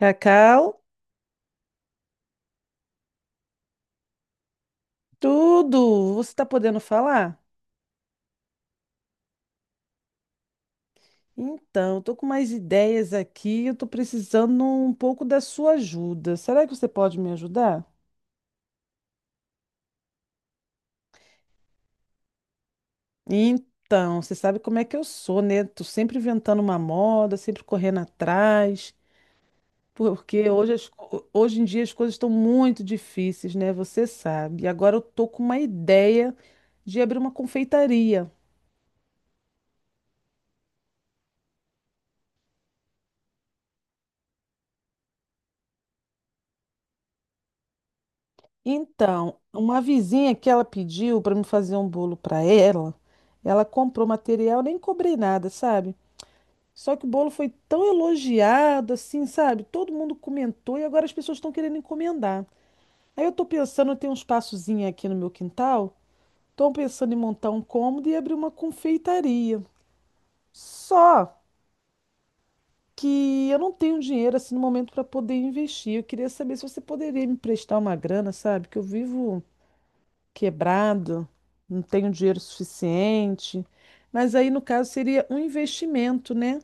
Cacau, tudo! Você está podendo falar? Então, estou com mais ideias aqui, eu estou precisando um pouco da sua ajuda. Será que você pode me ajudar? Então, você sabe como é que eu sou, né? Tô sempre inventando uma moda, sempre correndo atrás, porque hoje, hoje em dia as coisas estão muito difíceis, né? Você sabe. E agora eu tô com uma ideia de abrir uma confeitaria. Então, uma vizinha que ela pediu para me fazer um bolo para ela, ela comprou material, nem cobrei nada, sabe? Só que o bolo foi tão elogiado, assim, sabe? Todo mundo comentou e agora as pessoas estão querendo encomendar. Aí eu tô pensando, eu tenho um espaçozinho aqui no meu quintal, tô pensando em montar um cômodo e abrir uma confeitaria. Só que eu não tenho dinheiro assim no momento para poder investir. Eu queria saber se você poderia me emprestar uma grana, sabe? Que eu vivo quebrado, não tenho dinheiro suficiente. Mas aí, no caso, seria um investimento, né?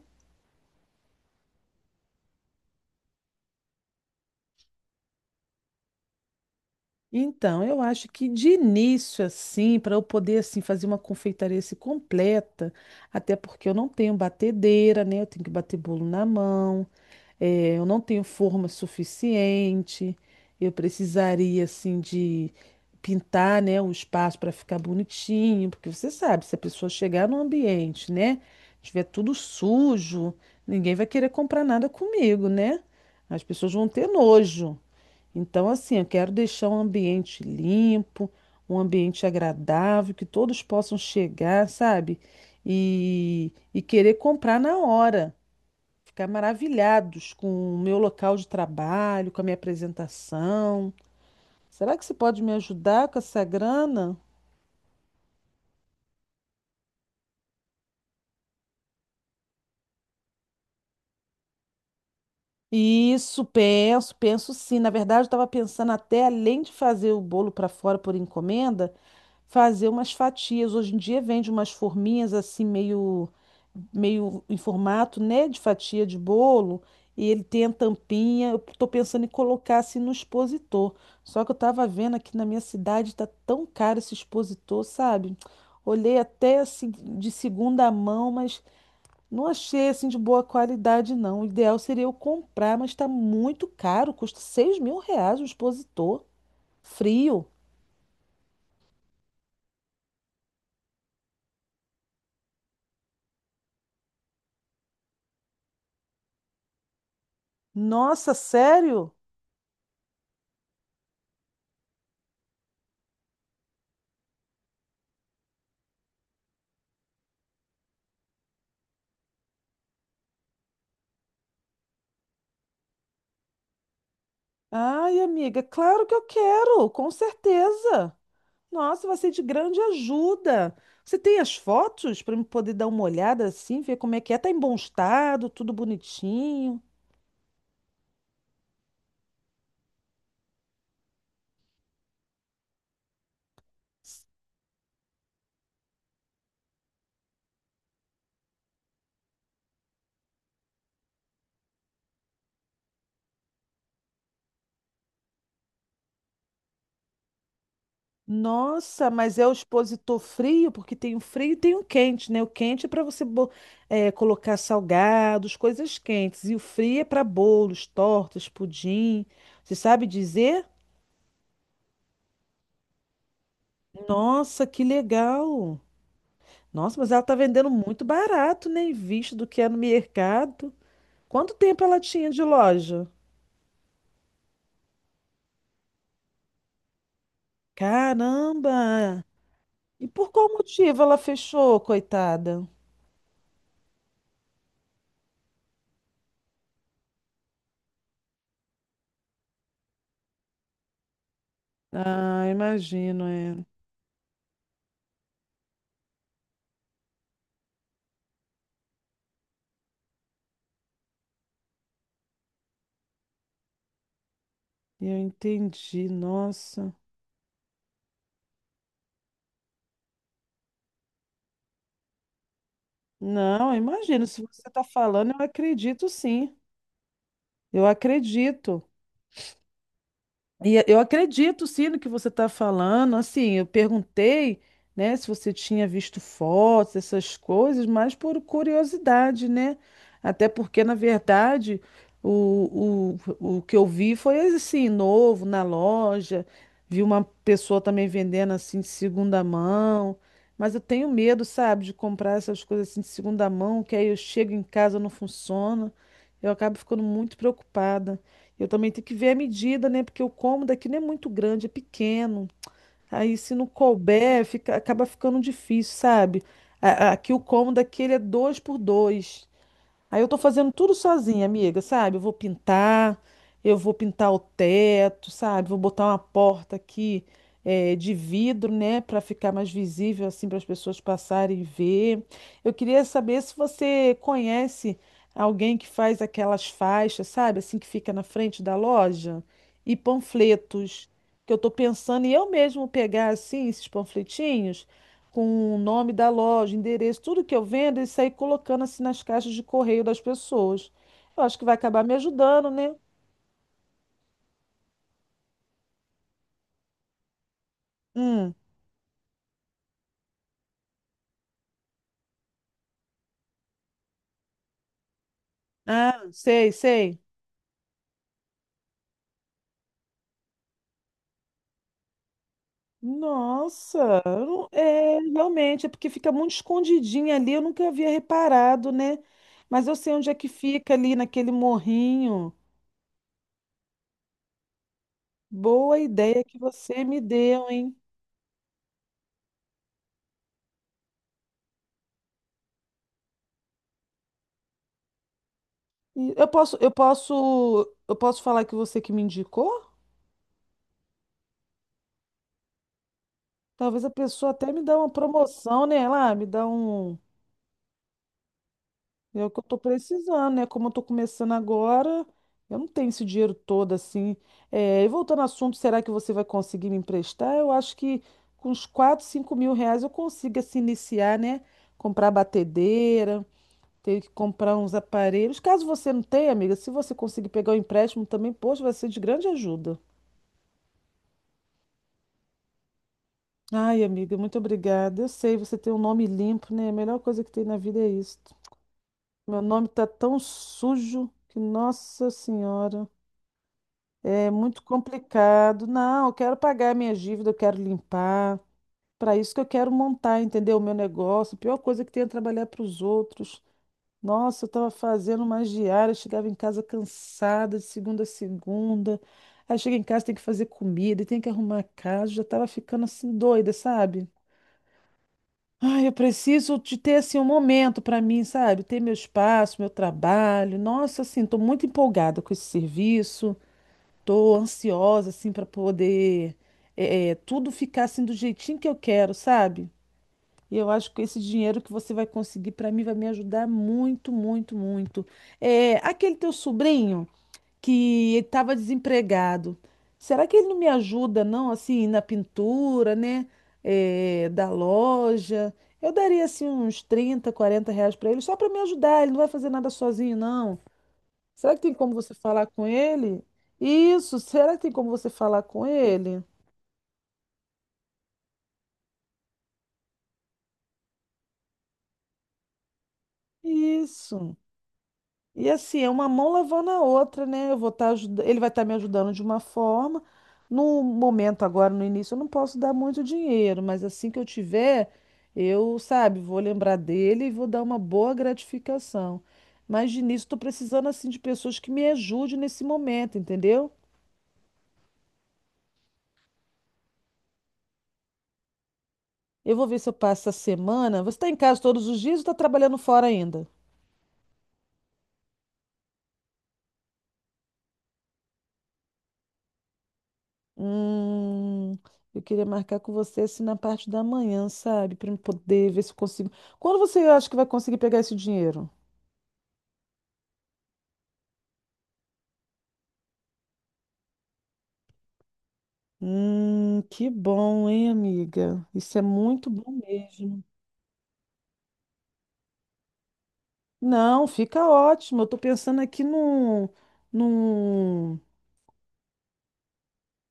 Então, eu acho que de início, assim, para eu poder assim, fazer uma confeitaria assim, completa, até porque eu não tenho batedeira, né? Eu tenho que bater bolo na mão. É, eu não tenho forma suficiente. Eu precisaria, assim, de pintar, né, o espaço para ficar bonitinho, porque você sabe, se a pessoa chegar no ambiente, né, tiver tudo sujo, ninguém vai querer comprar nada comigo, né? As pessoas vão ter nojo. Então, assim, eu quero deixar um ambiente limpo, um ambiente agradável, que todos possam chegar, sabe? E querer comprar na hora ficar maravilhados com o meu local de trabalho, com a minha apresentação. Será que você pode me ajudar com essa grana? Isso, penso, penso sim. Na verdade, eu estava pensando até, além de fazer o bolo para fora por encomenda, fazer umas fatias. Hoje em dia vende umas forminhas assim, meio, meio em formato, né, de fatia de bolo, e ele tem a tampinha. Eu estou pensando em colocar assim no expositor. Só que eu estava vendo aqui na minha cidade, tá tão caro esse expositor, sabe? Olhei até assim de segunda mão, mas. Não achei assim de boa qualidade, não. O ideal seria eu comprar, mas está muito caro. Custa R$ 6.000 um expositor. Frio. Nossa, sério? Ai, amiga, claro que eu quero, com certeza. Nossa, vai ser de grande ajuda. Você tem as fotos para eu poder dar uma olhada assim, ver como é que é? Tá em bom estado, tudo bonitinho. Nossa, mas é o expositor frio, porque tem o frio e tem o quente, né? O quente é para você colocar salgados, coisas quentes. E o frio é para bolos, tortas, pudim. Você sabe dizer? Nossa, que legal! Nossa, mas ela tá vendendo muito barato, né? Em vista do que é no mercado. Quanto tempo ela tinha de loja? Caramba! E por qual motivo ela fechou, coitada? Ah, imagino, é. Eu entendi, nossa. Não, eu imagino. Se você está falando, eu acredito sim. Eu acredito. E eu acredito, sim, no que você está falando. Assim, eu perguntei, né, se você tinha visto fotos, essas coisas, mas por curiosidade, né? Até porque, na verdade, o que eu vi foi assim, novo, na loja. Vi uma pessoa também vendendo assim de segunda mão. Mas eu tenho medo, sabe, de comprar essas coisas assim de segunda mão, que aí eu chego em casa não funciona. Eu acabo ficando muito preocupada. Eu também tenho que ver a medida, né? Porque o cômodo aqui não é muito grande, é pequeno. Aí se não couber, fica, acaba ficando difícil, sabe? Aqui o cômodo aqui ele é 2 por 2. Aí eu tô fazendo tudo sozinha, amiga, sabe? Eu vou pintar o teto, sabe? Vou botar uma porta aqui de vidro, né? Pra ficar mais visível, assim, para as pessoas passarem e ver. Eu queria saber se você conhece alguém que faz aquelas faixas, sabe? Assim, que fica na frente da loja e panfletos. Que eu tô pensando em eu mesmo pegar, assim, esses panfletinhos com o nome da loja, endereço, tudo que eu vendo, e sair colocando assim nas caixas de correio das pessoas. Eu acho que vai acabar me ajudando, né? Hum. Ah, sei, sei. Nossa, eu não- é, realmente, é porque fica muito escondidinho ali, eu nunca havia reparado, né? Mas eu sei onde é que fica ali naquele morrinho. Boa ideia que você me deu, hein? E eu posso falar que você que me indicou? Talvez a pessoa até me dá uma promoção, né? Lá, me dá um É o que eu tô precisando, né? Como eu tô começando agora, eu não tenho esse dinheiro todo assim. É, e voltando ao assunto, será que você vai conseguir me emprestar? Eu acho que com uns 4, 5 mil reais eu consigo assim, iniciar, né? Comprar batedeira, ter que comprar uns aparelhos. Caso você não tenha, amiga, se você conseguir pegar o empréstimo também, poxa, vai ser de grande ajuda. Ai, amiga, muito obrigada. Eu sei, você tem um nome limpo, né? A melhor coisa que tem na vida é isso. Meu nome tá tão sujo que, nossa senhora. É muito complicado. Não, eu quero pagar minha dívida, eu quero limpar. Para isso que eu quero montar, entendeu? O meu negócio. A pior coisa que tem é trabalhar para os outros. Nossa, eu estava fazendo umas diárias, chegava em casa cansada de segunda a segunda. Aí chega em casa, tem que fazer comida, tem que arrumar a casa. Já estava ficando assim doida, sabe? Ai, eu preciso de ter assim um momento para mim, sabe? Ter meu espaço, meu trabalho. Nossa, assim, estou muito empolgada com esse serviço. Tô ansiosa, assim, para poder tudo ficar assim do jeitinho que eu quero, sabe? E eu acho que esse dinheiro que você vai conseguir para mim vai me ajudar muito, muito, muito. É, aquele teu sobrinho que estava desempregado, será que ele não me ajuda, não, assim, na pintura, né? É, da loja? Eu daria, assim, uns 30, 40 reais para ele, só para me ajudar. Ele não vai fazer nada sozinho, não. Será que tem como você falar com ele? Isso, será que tem como você falar com ele? Isso. E assim, é uma mão lavando a outra, né? Eu vou estar ajudando, ele vai estar me ajudando de uma forma. No momento agora, no início, eu não posso dar muito dinheiro, mas assim que eu tiver, eu, sabe, vou lembrar dele e vou dar uma boa gratificação. Mas de início, estou precisando assim de pessoas que me ajudem nesse momento, entendeu? Eu vou ver se eu passo a semana. Você está em casa todos os dias ou está trabalhando fora ainda? Hum, eu queria marcar com você assim na parte da manhã, sabe? Para poder ver se eu consigo. Quando você acha que vai conseguir pegar esse dinheiro? Que bom, hein, amiga? Isso é muito bom mesmo. Não, fica ótimo. Eu tô pensando aqui num,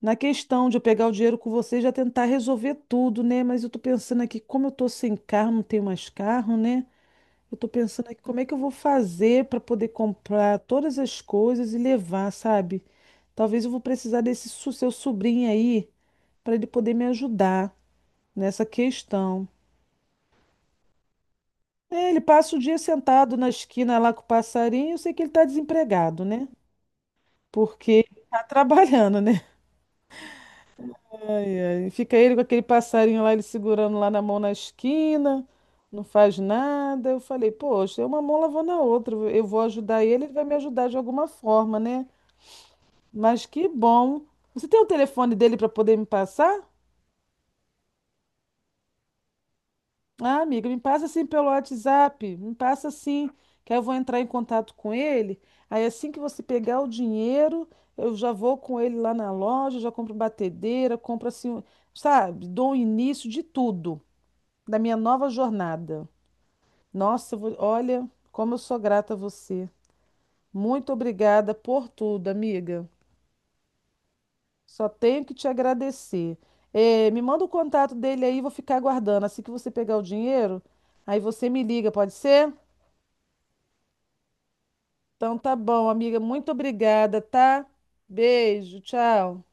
na questão de eu pegar o dinheiro com você e já tentar resolver tudo, né? Mas eu tô pensando aqui, como eu tô sem carro, não tenho mais carro, né? Eu tô pensando aqui como é que eu vou fazer para poder comprar todas as coisas e levar, sabe? Talvez eu vou precisar seu sobrinho aí para ele poder me ajudar nessa questão. É, ele passa o dia sentado na esquina lá com o passarinho, eu sei que ele tá desempregado, né? Porque ele tá trabalhando, né? Ai, ai, fica ele com aquele passarinho lá, ele segurando lá na mão na esquina, não faz nada. Eu falei, poxa, é uma mão lavando a outra. Eu vou ajudar ele, ele vai me ajudar de alguma forma, né? Mas que bom. Você tem o telefone dele para poder me passar? Ah, amiga, me passa assim pelo WhatsApp. Me passa assim, que aí eu vou entrar em contato com ele. Aí assim que você pegar o dinheiro, eu já vou com ele lá na loja, já compro batedeira, compro assim, sabe? Dou o início de tudo, da minha nova jornada. Olha como eu sou grata a você. Muito obrigada por tudo, amiga. Só tenho que te agradecer. Eh, me manda o contato dele aí, vou ficar aguardando. Assim que você pegar o dinheiro, aí você me liga, pode ser? Então tá bom, amiga. Muito obrigada, tá? Beijo, tchau.